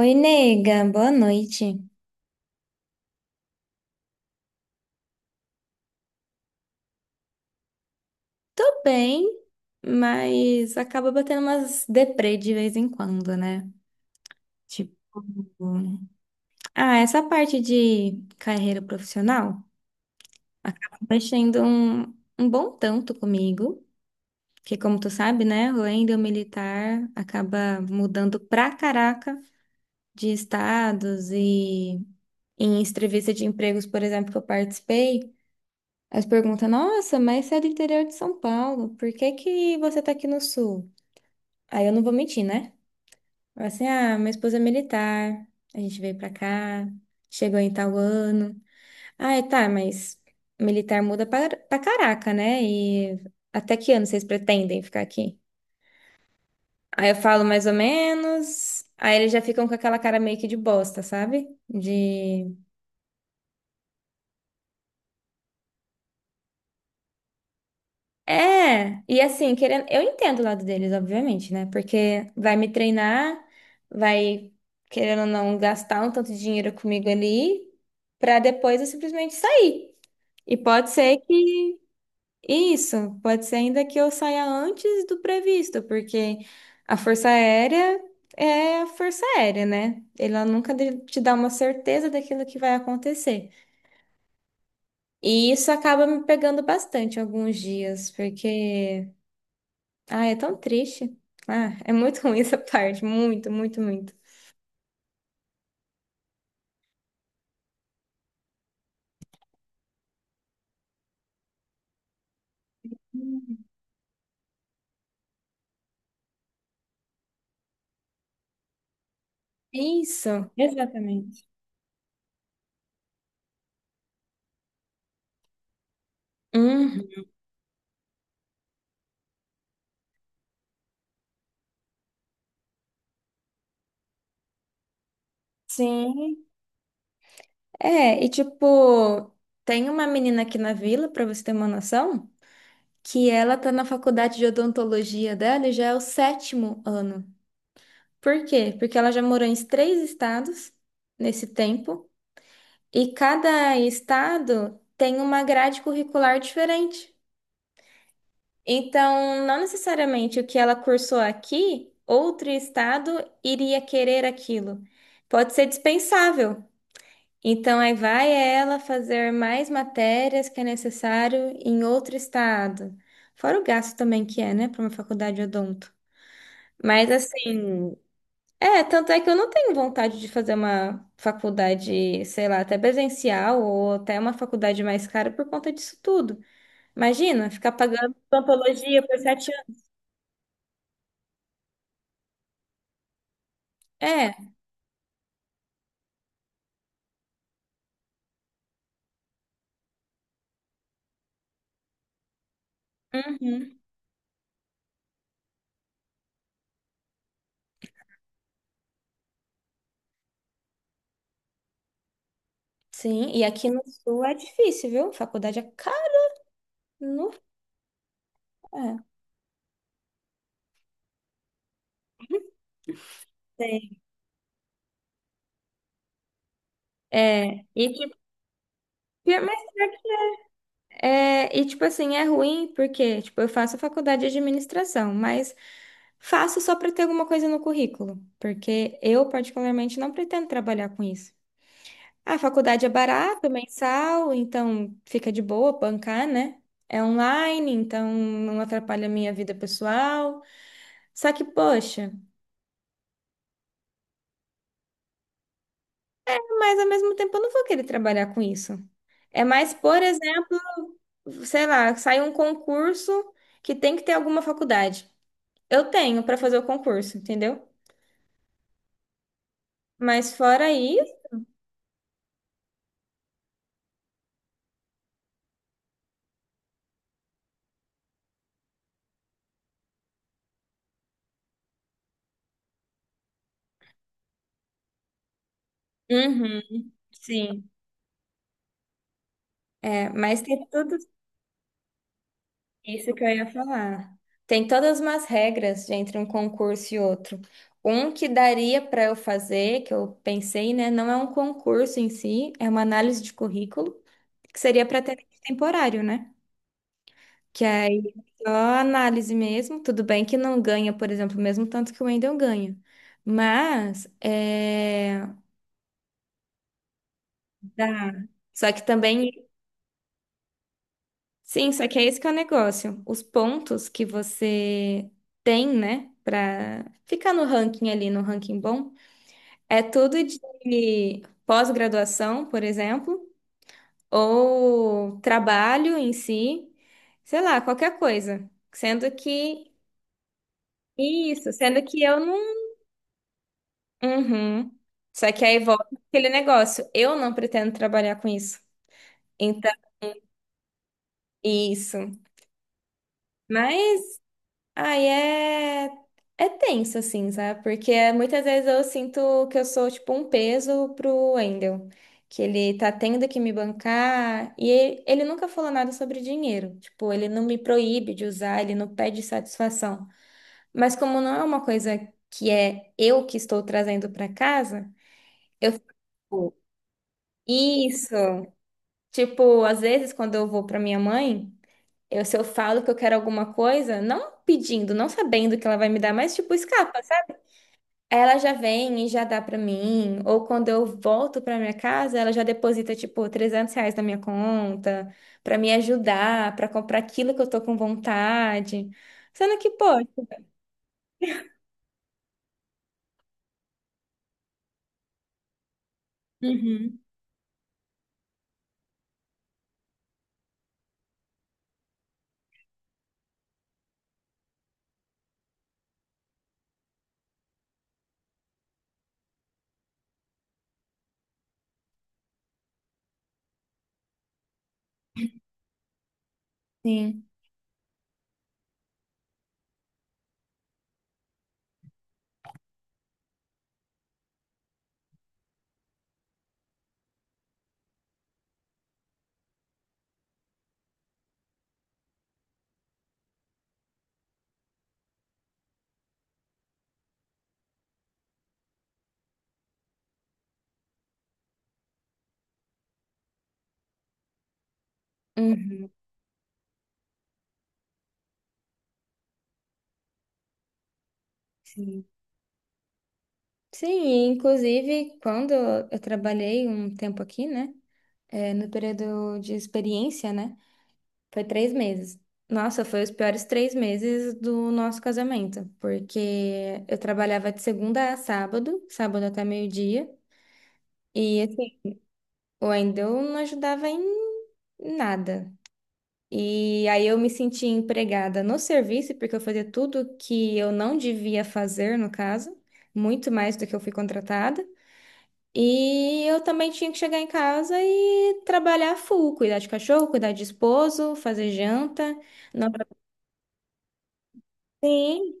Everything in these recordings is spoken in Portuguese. Oi, nega, boa noite. Tô bem, mas acaba batendo umas deprê de vez em quando, né? Tipo, ah, essa parte de carreira profissional acaba mexendo um bom tanto comigo, que como tu sabe, né, o Wendel militar acaba mudando pra caraca de estados e em entrevista de empregos, por exemplo, que eu participei. Aí você pergunta, nossa, mas você é do interior de São Paulo, por que que você tá aqui no sul? Aí eu não vou mentir, né? Eu assim, ah, minha esposa é militar, a gente veio pra cá, chegou em tal ano. Ah, é, tá, mas militar muda pra caraca, né? E até que ano vocês pretendem ficar aqui? Aí eu falo mais ou menos, aí eles já ficam com aquela cara meio que de bosta, sabe? De... É, e assim, querendo, eu entendo o lado deles, obviamente, né? Porque vai me treinar, vai, querendo ou não, gastar um tanto de dinheiro comigo ali, pra depois eu simplesmente sair. E pode ser que isso, pode ser ainda que eu saia antes do previsto, porque a Força Aérea é a Força Aérea, né? Ela nunca te dá uma certeza daquilo que vai acontecer. E isso acaba me pegando bastante alguns dias, porque ah, é tão triste. Ah, é muito ruim essa parte. Muito, muito, muito. Hum. Isso. Exatamente. Uhum. Sim. É, e tipo, tem uma menina aqui na vila, pra você ter uma noção, que ela tá na faculdade de odontologia dela e já é o sétimo ano. Por quê? Porque ela já morou em 3 estados nesse tempo, e cada estado tem uma grade curricular diferente. Então, não necessariamente o que ela cursou aqui, outro estado iria querer aquilo. Pode ser dispensável. Então, aí vai ela fazer mais matérias que é necessário em outro estado. Fora o gasto também que é, né, para uma faculdade de odonto. Mas assim, é, tanto é que eu não tenho vontade de fazer uma faculdade, sei lá, até presencial ou até uma faculdade mais cara por conta disso tudo. Imagina, ficar pagando odontologia por 7 anos. Uhum. Sim, e aqui no Sul é difícil, viu? Faculdade é caro. No... É. Sei. É, e tipo, mas é, e tipo assim, é ruim porque, tipo, eu faço faculdade de administração, mas faço só para ter alguma coisa no currículo, porque eu particularmente não pretendo trabalhar com isso. A faculdade é barata, mensal, então fica de boa bancar, né? É online, então não atrapalha a minha vida pessoal. Só que, poxa, mas ao mesmo tempo eu não vou querer trabalhar com isso. É mais, por exemplo, sei lá, sai um concurso que tem que ter alguma faculdade. Eu tenho para fazer o concurso, entendeu? Mas fora isso, uhum, sim. É, mas tem tudo isso que eu ia falar. Tem todas umas regras entre um concurso e outro. Um que daria para eu fazer, que eu pensei, né? Não é um concurso em si, é uma análise de currículo, que seria para ter temporário, né? Que aí é só análise mesmo. Tudo bem que não ganha, por exemplo, o mesmo tanto que o Wendel ganha. Mas é. Dá. Só que também. Sim, só que é esse que é o negócio. Os pontos que você tem, né? Pra ficar no ranking ali, no ranking bom, é tudo de pós-graduação, por exemplo, ou trabalho em si, sei lá, qualquer coisa. Sendo que. Isso, sendo que eu não. Uhum. Só que aí volta aquele negócio. Eu não pretendo trabalhar com isso. Então, isso. Mas aí é. É tenso, assim, sabe? Porque muitas vezes eu sinto que eu sou, tipo, um peso pro Wendel. Que ele tá tendo que me bancar. E ele nunca falou nada sobre dinheiro. Tipo, ele não me proíbe de usar, ele não pede satisfação. Mas como não é uma coisa que é eu que estou trazendo pra casa, eu fico. Isso. Tipo, às vezes quando eu vou pra minha mãe, eu se eu falo que eu quero alguma coisa, não pedindo, não sabendo que ela vai me dar, mas tipo, escapa, sabe? Aí ela já vem e já dá pra mim, ou quando eu volto pra minha casa, ela já deposita tipo R$ 300 na minha conta pra me ajudar, pra comprar aquilo que eu tô com vontade. Sendo que, pô, uhum. Sim. Uhum. Sim. Sim, e inclusive, quando eu trabalhei um tempo aqui, né? É, no período de experiência, né? Foi 3 meses. Nossa, foi os piores 3 meses do nosso casamento, porque eu trabalhava de segunda a sábado, sábado até meio-dia, e assim, o Wendel não ajudava em nada. E aí eu me sentia empregada no serviço, porque eu fazia tudo que eu não devia fazer, no caso, muito mais do que eu fui contratada. E eu também tinha que chegar em casa e trabalhar full, cuidar de cachorro, cuidar de esposo, fazer janta. Não. Sim.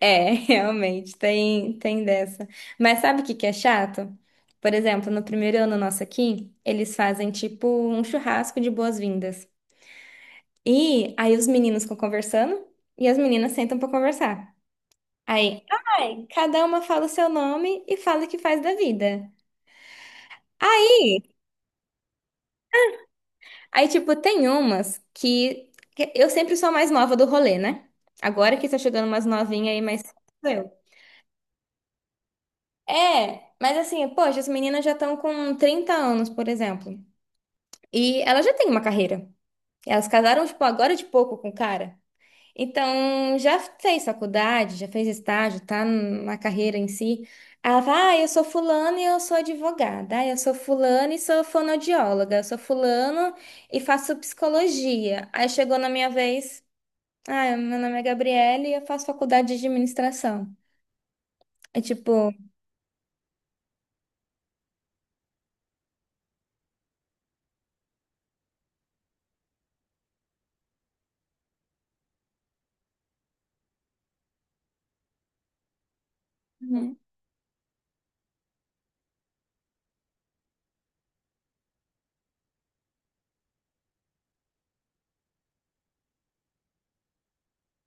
É, realmente, tem dessa. Mas sabe o que que é chato? Por exemplo, no primeiro ano nosso aqui, eles fazem tipo um churrasco de boas-vindas. E aí os meninos ficam conversando e as meninas sentam pra conversar. Aí, ai, cada uma fala o seu nome e fala o que faz da vida. Aí, tipo, tem umas que eu sempre sou a mais nova do rolê, né? Agora que tá chegando umas novinhas aí, mas sou eu. É, mas assim, poxa, as meninas já estão com 30 anos, por exemplo. E ela já tem uma carreira. Elas casaram, tipo, agora de pouco com o cara. Então, já fez faculdade, já fez estágio, tá na carreira em si. Ela fala, ah, eu sou fulano e eu sou advogada. Ah, eu sou fulano e sou fonoaudióloga. Eu sou fulano e faço psicologia. Aí chegou na minha vez, ah, meu nome é Gabriele e eu faço faculdade de administração. É tipo... Uhum.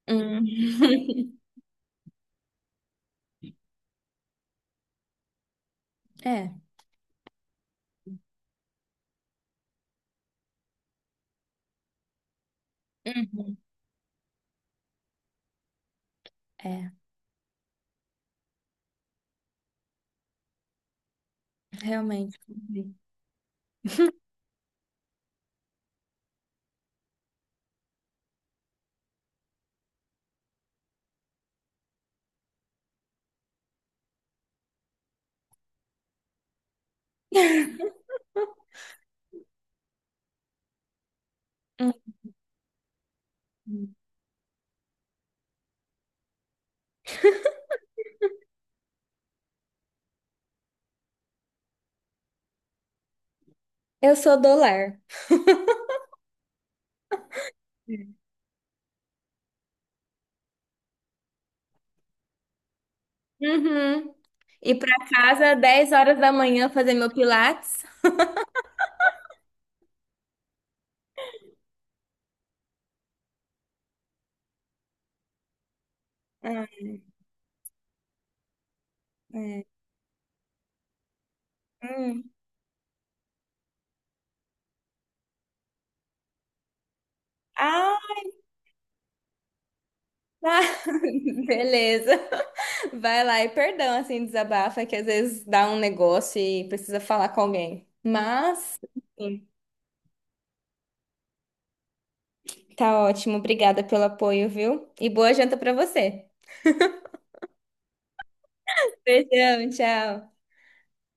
Hum. É, é, realmente. Uhum. Eu sou do lar. Uhum. Ir pra casa 10 horas da manhã fazer meu pilates. Ah, é. Hum. Ah, tá. Beleza. Vai lá e perdão, assim, desabafa, que às vezes dá um negócio e precisa falar com alguém. Mas, enfim, tá ótimo. Obrigada pelo apoio, viu? E boa janta pra você. Beijão, tchau.